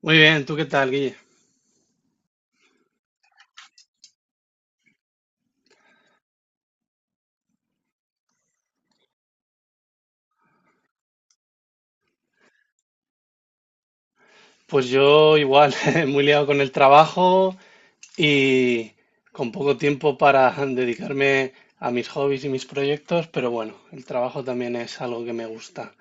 Muy bien, ¿tú qué tal, Guille? Pues yo igual, muy liado con el trabajo y con poco tiempo para dedicarme a mis hobbies y mis proyectos, pero bueno, el trabajo también es algo que me gusta.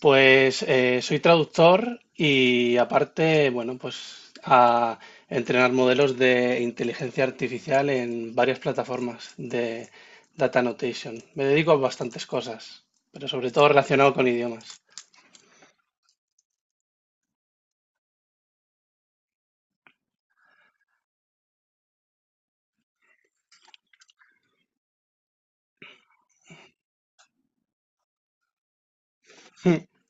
Pues soy traductor y aparte, bueno, pues a entrenar modelos de inteligencia artificial en varias plataformas de data annotation. Me dedico a bastantes cosas, pero sobre todo relacionado con idiomas.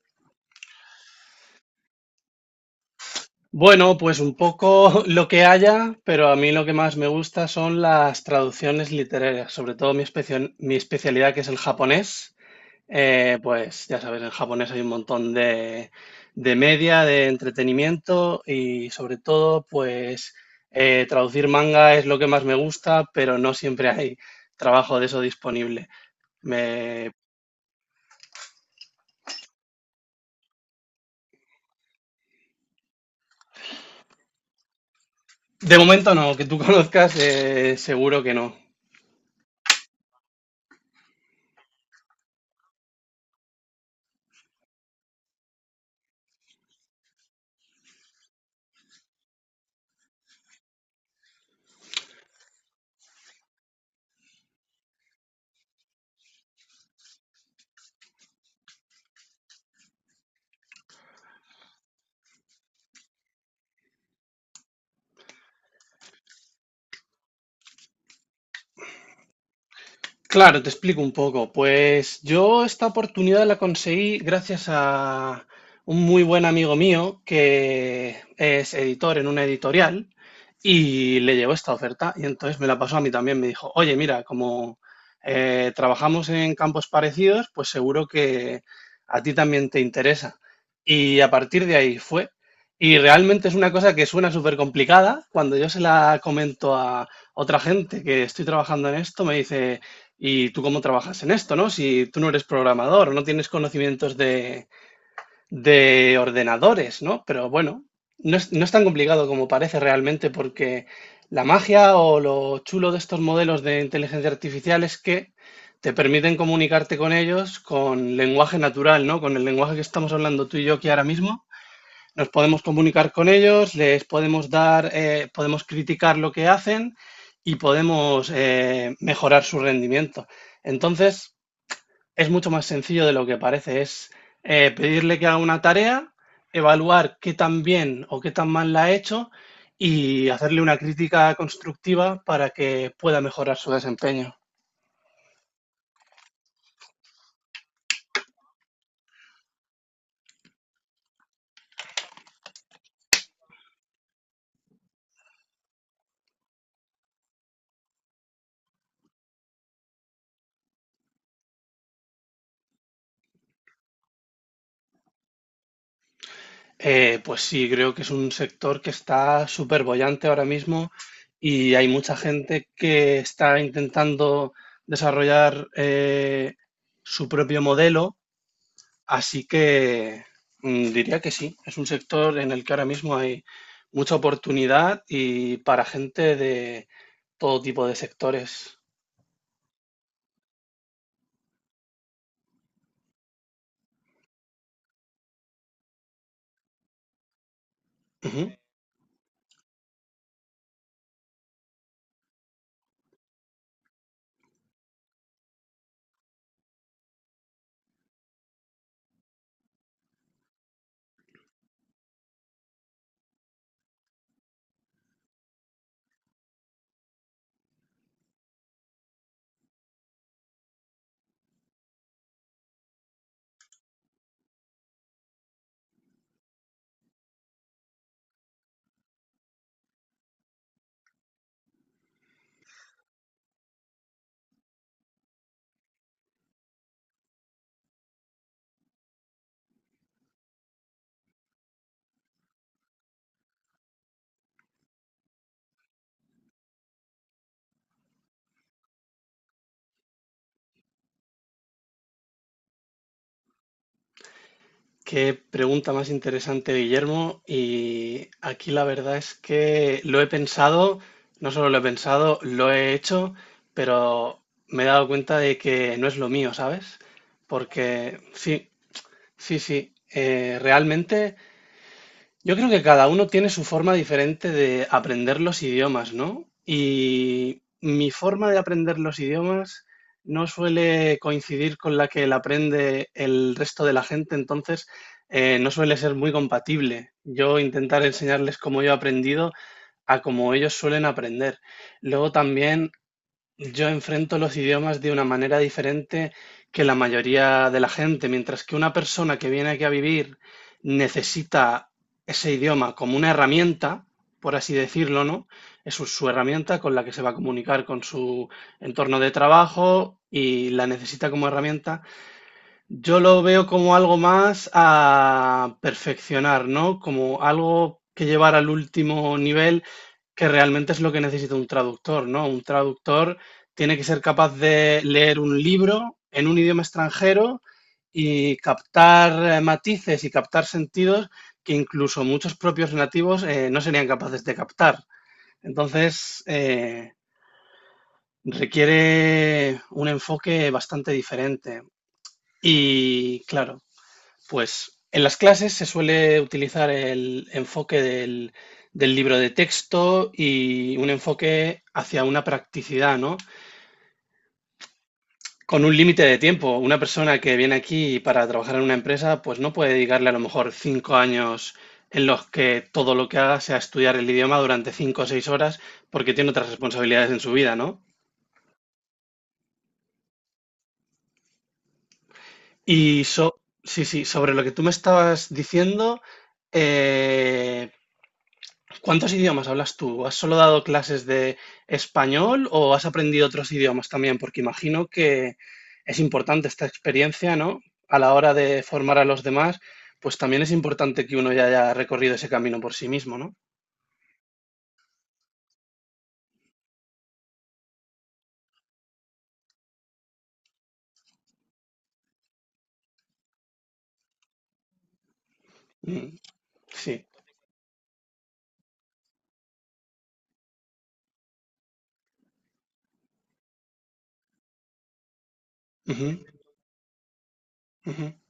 Bueno, pues un poco lo que haya, pero a mí lo que más me gusta son las traducciones literarias, sobre todo mi especialidad que es el japonés. Pues ya sabes, en japonés hay un montón de media, de entretenimiento y sobre todo, pues traducir manga es lo que más me gusta, pero no siempre hay trabajo de eso disponible. Me- de momento no, que tú conozcas, seguro que no. Claro, te explico un poco. Pues yo esta oportunidad la conseguí gracias a un muy buen amigo mío que es editor en una editorial y le llegó esta oferta y entonces me la pasó a mí también. Me dijo, oye, mira, como trabajamos en campos parecidos, pues seguro que a ti también te interesa. Y a partir de ahí fue. Y realmente es una cosa que suena súper complicada. Cuando yo se la comento a otra gente que estoy trabajando en esto, me dice... ¿Y tú cómo trabajas en esto, no? Si tú no eres programador, no tienes conocimientos de ordenadores, ¿no? Pero bueno, no es tan complicado como parece realmente porque la magia o lo chulo de estos modelos de inteligencia artificial es que te permiten comunicarte con ellos con lenguaje natural, ¿no? Con el lenguaje que estamos hablando tú y yo aquí ahora mismo, nos podemos comunicar con ellos, les podemos dar, podemos criticar lo que hacen y podemos mejorar su rendimiento. Entonces, es mucho más sencillo de lo que parece. Es pedirle que haga una tarea, evaluar qué tan bien o qué tan mal la ha hecho y hacerle una crítica constructiva para que pueda mejorar su desempeño. Pues sí, creo que es un sector que está súper bollante ahora mismo y hay mucha gente que está intentando desarrollar su propio modelo, así que diría que sí, es un sector en el que ahora mismo hay mucha oportunidad y para gente de todo tipo de sectores. Qué pregunta más interesante, Guillermo. Y aquí la verdad es que lo he pensado, no solo lo he pensado, lo he hecho, pero me he dado cuenta de que no es lo mío, ¿sabes? Porque sí, sí, sí. Realmente yo creo que cada uno tiene su forma diferente de aprender los idiomas, ¿no? Y mi forma de aprender los idiomas no suele coincidir con la que la aprende el resto de la gente, entonces no suele ser muy compatible. Yo intentar enseñarles cómo yo he aprendido a cómo ellos suelen aprender. Luego también yo enfrento los idiomas de una manera diferente que la mayoría de la gente. Mientras que una persona que viene aquí a vivir necesita ese idioma como una herramienta, por así decirlo, ¿no? Es su herramienta con la que se va a comunicar con su entorno de trabajo y la necesita como herramienta. Yo lo veo como algo más a perfeccionar, ¿no? Como algo que llevar al último nivel, que realmente es lo que necesita un traductor, ¿no? Un traductor tiene que ser capaz de leer un libro en un idioma extranjero y captar matices y captar sentidos que incluso muchos propios nativos no serían capaces de captar. Entonces, requiere un enfoque bastante diferente. Y claro, pues en las clases se suele utilizar el enfoque del libro de texto y un enfoque hacia una practicidad, ¿no? Con un límite de tiempo. Una persona que viene aquí para trabajar en una empresa, pues no puede dedicarle a lo mejor 5 años en los que todo lo que haga sea estudiar el idioma durante 5 o 6 horas, porque tiene otras responsabilidades en su vida, ¿no? Y sí, sí, sobre lo que tú me estabas diciendo, eh, ¿cuántos idiomas hablas tú? ¿Has solo dado clases de español o has aprendido otros idiomas también? Porque imagino que es importante esta experiencia, ¿no? A la hora de formar a los demás, pues también es importante que uno ya haya recorrido ese camino por sí mismo, ¿no? Mm, sí. Ujú, ujú,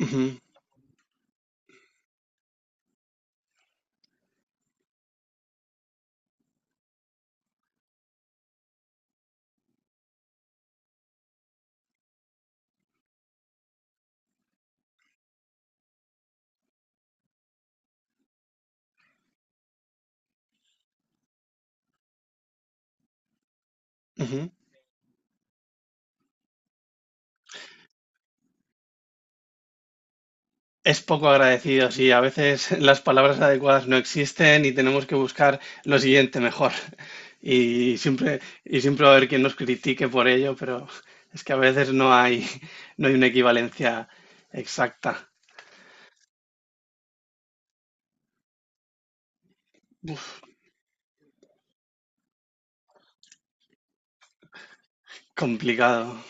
ujú, ujú. Es poco agradecido, sí. A veces las palabras adecuadas no existen y tenemos que buscar lo siguiente mejor. Y siempre va a haber quien nos critique por ello, pero es que a veces no hay, no hay una equivalencia exacta. Complicado,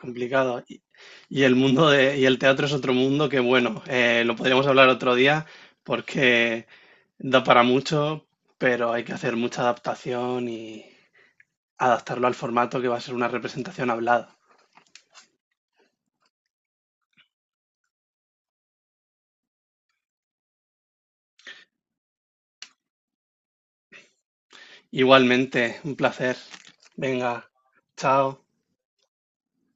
complicado. Y el mundo de, y el teatro es otro mundo que, bueno, lo podríamos hablar otro día porque da para mucho, pero hay que hacer mucha adaptación y adaptarlo al formato que va a ser una representación hablada. Igualmente, un placer. Venga, chao.